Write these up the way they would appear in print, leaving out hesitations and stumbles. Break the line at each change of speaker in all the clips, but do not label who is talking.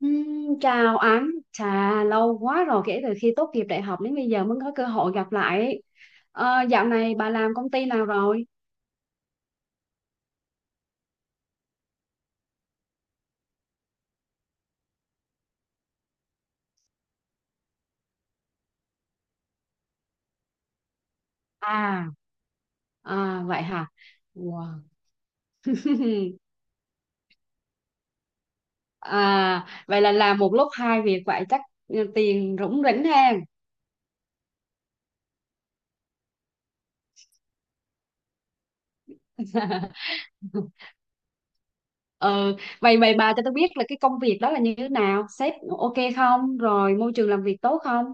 Chào anh, chà, lâu quá rồi kể từ khi tốt nghiệp đại học đến bây giờ mới có cơ hội gặp lại ấy. Dạo này bà làm công ty nào rồi? À, Vậy hả? Wow. Vậy là làm một lúc hai việc vậy chắc tiền rủng rỉnh ha. Ừ, vậy vậy bà cho tôi biết là cái công việc đó là như thế nào? Sếp ok không? Rồi môi trường làm việc tốt không?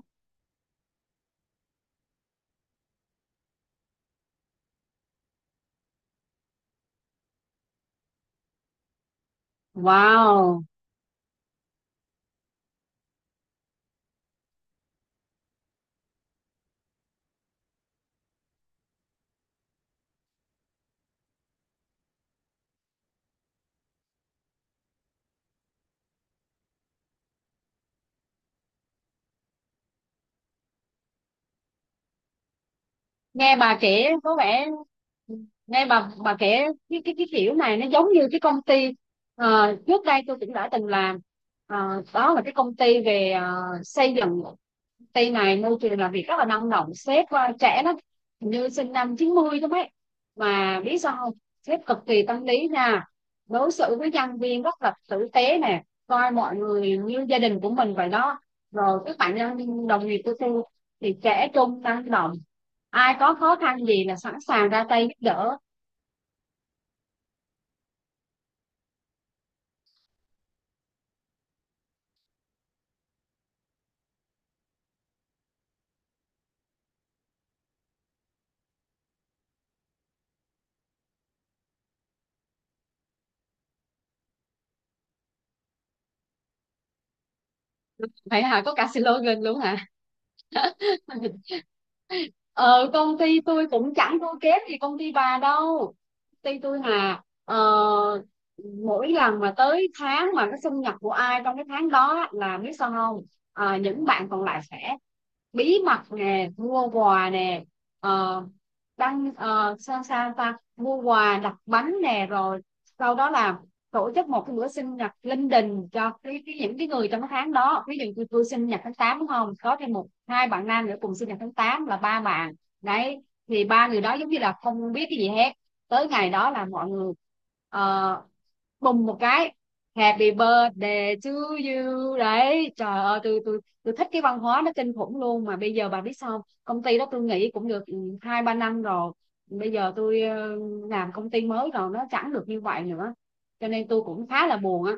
Wow. nghe bà kể có vẻ Nghe bà kể cái kiểu này, nó giống như cái công ty trước đây tôi cũng đã từng làm. Đó là cái công ty về xây dựng Tây này, môi trường làm việc rất là năng động, sếp trẻ lắm, hình như sinh năm 90 lắm ấy, mà biết sao không? Sếp cực kỳ tâm lý nha, đối xử với nhân viên rất là tử tế nè, coi mọi người như gia đình của mình vậy đó. Rồi các bạn đồng nghiệp của tôi thì trẻ trung, năng động, ai có khó khăn gì là sẵn sàng ra tay giúp đỡ. Vậy hả, có cả slogan luôn hả? Ờ Công ty tôi cũng chẳng thua kém gì công ty bà đâu. Công ty tôi mà mỗi lần mà tới tháng mà cái sinh nhật của ai trong cái tháng đó á, là biết sao không? Những bạn còn lại sẽ bí mật nè, mua quà nè, ờ, đăng sao sao ta, mua quà, đặt bánh nè, rồi sau đó là tổ chức một cái bữa sinh nhật linh đình cho cái những cái người trong cái tháng đó. Ví dụ như tôi sinh nhật tháng 8 đúng không, có thêm một hai bạn nam nữa cùng sinh nhật tháng 8 là ba bạn đấy, thì ba người đó giống như là không biết cái gì hết. Tới ngày đó là mọi người ờ, bùng một cái, Happy birthday to you đấy. Trời ơi, tôi thích cái văn hóa nó kinh khủng luôn. Mà bây giờ bà biết sao không? Công ty đó tôi nghĩ cũng được hai ba năm rồi. Bây giờ tôi làm công ty mới rồi, nó chẳng được như vậy nữa, cho nên tôi cũng khá là buồn á.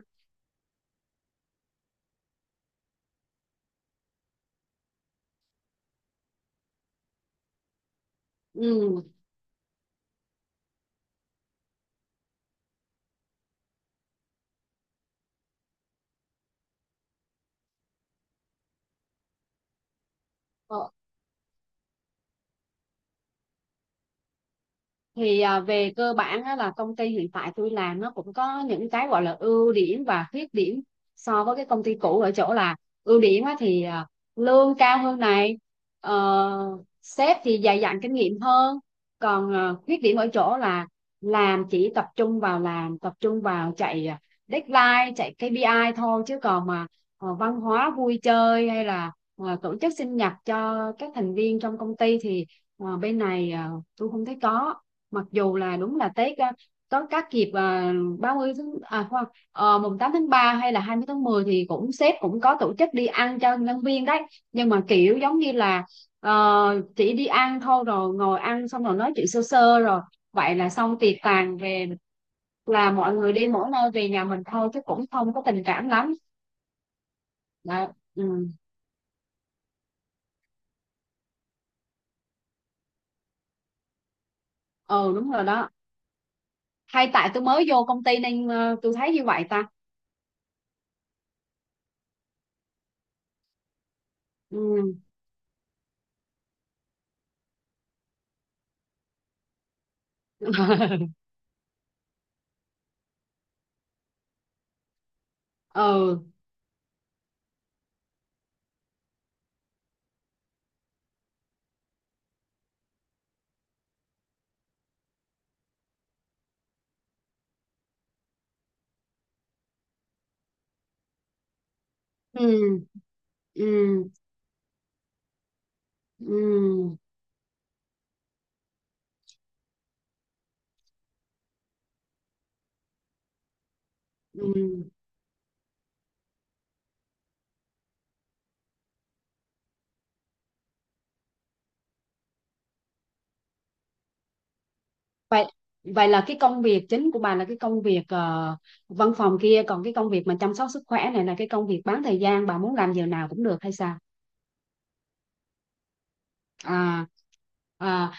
Ừ. Ờ, thì về cơ bản á, là công ty hiện tại tôi làm nó cũng có những cái gọi là ưu điểm và khuyết điểm so với cái công ty cũ ở chỗ là, ưu điểm á, thì lương cao hơn này, sếp thì dày dặn kinh nghiệm hơn. Còn khuyết điểm ở chỗ là làm chỉ tập trung vào làm, tập trung vào chạy deadline, chạy KPI thôi, chứ còn mà văn hóa vui chơi hay là tổ chức sinh nhật cho các thành viên trong công ty thì bên này tôi không thấy có. Mặc dù là đúng là Tết có các dịp 30 tháng, khoan, mùng 8 tháng 3 hay là 20 tháng 10 thì cũng sếp cũng có tổ chức đi ăn cho nhân viên đấy, nhưng mà kiểu giống như là chỉ đi ăn thôi, rồi ngồi ăn xong rồi nói chuyện sơ sơ rồi vậy là xong, tiệc tàn về là mọi người đi mỗi nơi về nhà mình thôi, chứ cũng không có tình cảm lắm. Đấy. Ừ. Ừ, đúng rồi đó. Hay tại tôi mới vô công ty nên tôi thấy như vậy ta? Ừ. Ừ, ừ, ừ. Ừ, ừ. Vậy vậy là cái công việc chính của bà là cái công việc văn phòng kia, còn cái công việc mà chăm sóc sức khỏe này là cái công việc bán thời gian bà muốn làm giờ nào cũng được hay sao? À, à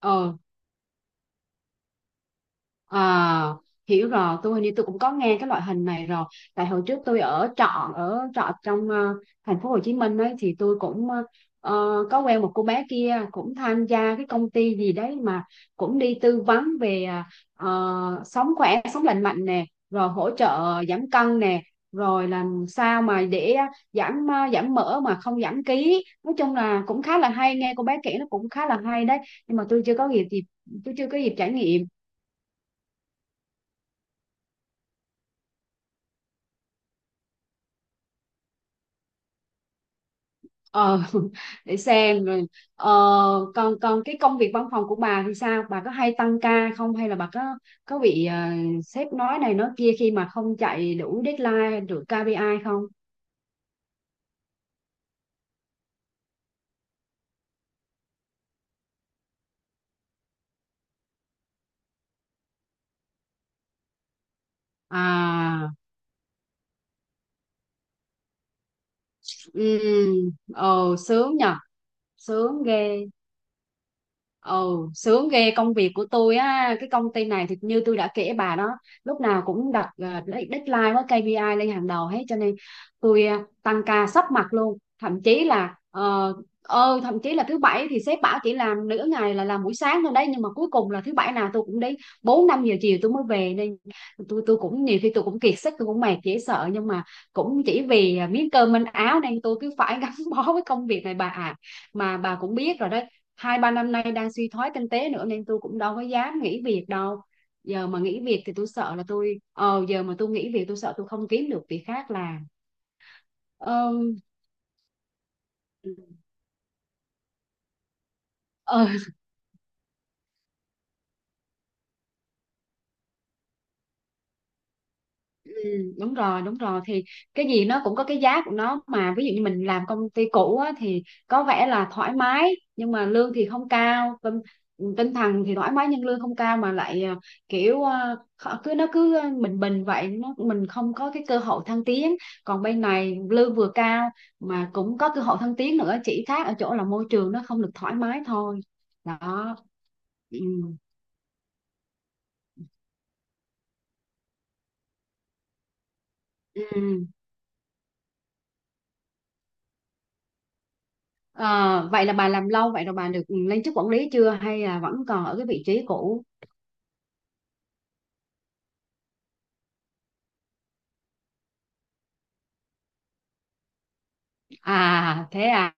ờ, À, Hiểu rồi, hình như tôi cũng có nghe cái loại hình này rồi. Tại hồi trước tôi ở trọ trong thành phố Hồ Chí Minh ấy, thì tôi cũng có quen một cô bé kia cũng tham gia cái công ty gì đấy mà, cũng đi tư vấn về sống khỏe sống lành mạnh nè, rồi hỗ trợ giảm cân nè, rồi làm sao mà để giảm mỡ mà không giảm ký. Nói chung là cũng khá là hay, nghe cô bé kể nó cũng khá là hay đấy, nhưng mà tôi chưa có dịp trải nghiệm. ờ để xem rồi. ờ, còn còn cái công việc văn phòng của bà thì sao, bà có hay tăng ca không, hay là bà có bị sếp nói này nói kia khi mà không chạy đủ deadline, được KPI không? À. Ừ. ờ Sướng nhờ. Sướng ghê. Ồ, sướng ghê. Công việc của tôi á, cái công ty này thì như tôi đã kể bà đó, lúc nào cũng đặt deadline với KPI lên hàng đầu hết, cho nên tôi tăng ca sắp mặt luôn, thậm chí là thứ bảy thì sếp bảo chỉ làm nửa ngày, là làm buổi sáng thôi đấy, nhưng mà cuối cùng là thứ bảy nào tôi cũng đến 4 5 giờ chiều tôi mới về, nên tôi cũng nhiều khi tôi cũng kiệt sức, tôi cũng mệt dễ sợ, nhưng mà cũng chỉ vì miếng cơm manh áo nên tôi cứ phải gắn bó với công việc này bà ạ. Mà bà cũng biết rồi đó, hai ba năm nay đang suy thoái kinh tế nữa, nên tôi cũng đâu có dám nghỉ việc đâu. Giờ mà nghỉ việc thì tôi sợ là tôi, giờ mà tôi nghỉ việc tôi sợ tôi không kiếm được việc khác làm. ờ, ờ, Ừ, đúng rồi đúng rồi, thì cái gì nó cũng có cái giá của nó mà. Ví dụ như mình làm công ty cũ á, thì có vẻ là thoải mái, nhưng mà lương thì không cao, tinh thần thì thoải mái nhưng lương không cao, mà lại kiểu cứ nó cứ bình bình vậy, nó mình không có cái cơ hội thăng tiến. Còn bên này lương vừa cao mà cũng có cơ hội thăng tiến nữa, chỉ khác ở chỗ là môi trường nó không được thoải mái thôi. Đó. Ừ. Ừ. Ờ, vậy là bà làm lâu vậy rồi, bà được lên chức quản lý chưa hay là vẫn còn ở cái vị trí cũ? À, thế à.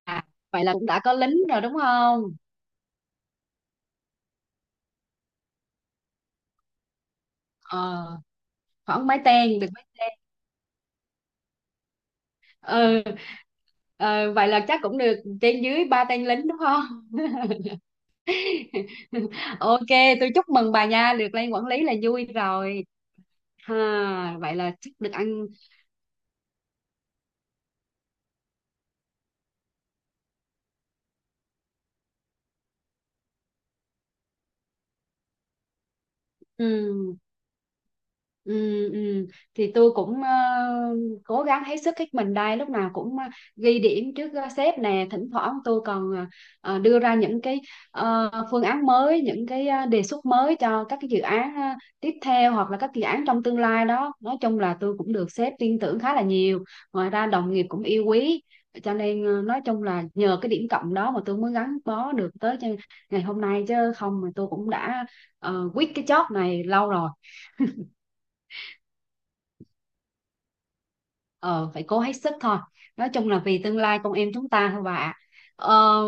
Vậy là cũng đã có lính rồi đúng không? Ờ, Khoảng mấy tên, được mấy- ừ, vậy là chắc cũng được trên dưới ba tên lính đúng không? Ok, tôi chúc mừng bà nha, được lên quản lý là vui rồi. Ha, vậy là chắc được ăn. Ừ. Ừ, ừ. Thì tôi cũng cố gắng hết sức hết mình đây, lúc nào cũng ghi điểm trước sếp nè, thỉnh thoảng tôi còn đưa ra những cái phương án mới, những cái đề xuất mới cho các cái dự án tiếp theo hoặc là các dự án trong tương lai đó. Nói chung là tôi cũng được sếp tin tưởng khá là nhiều, ngoài ra đồng nghiệp cũng yêu quý, cho nên nói chung là nhờ cái điểm cộng đó mà tôi mới gắn bó được tới cho ngày hôm nay, chứ không mà tôi cũng đã quit cái job này lâu rồi. Ờ Phải cố hết sức thôi, nói chung là vì tương lai con em chúng ta thôi bà ạ. Ờ,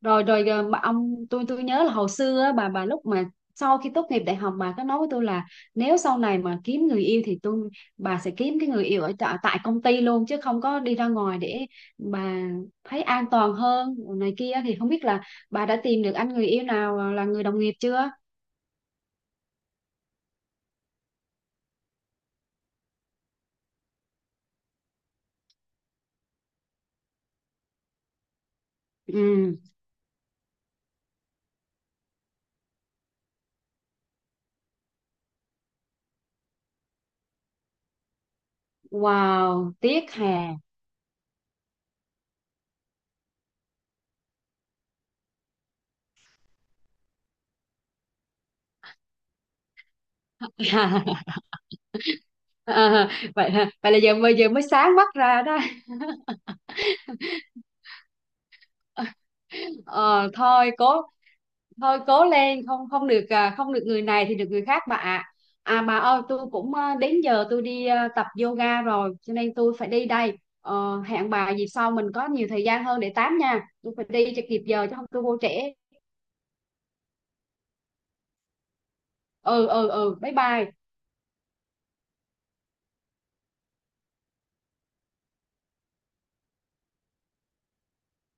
Rồi rồi, bà ông tôi nhớ là hồi xưa á, bà lúc mà sau khi tốt nghiệp đại học bà có nói với tôi là, nếu sau này mà kiếm người yêu thì bà sẽ kiếm cái người yêu ở tại tại công ty luôn, chứ không có đi ra ngoài, để bà thấy an toàn hơn này kia. Thì không biết là bà đã tìm được anh người yêu nào là người đồng nghiệp chưa? Ừ. Wow, tiếc hè. À, vậy hả? Vậy là bây giờ mới sáng mắt ra đó. Ờ, thôi cố thôi cố lên, không không được, không được người này thì được người khác bà ạ. Bà ơi, tôi cũng, đến giờ tôi đi, tập yoga rồi, cho nên tôi phải đi đây. Ờ, Hẹn bà dịp sau mình có nhiều thời gian hơn để tám nha, tôi phải đi cho kịp giờ chứ không tôi vô trễ. Ừ, ừ, ừ, bye bye.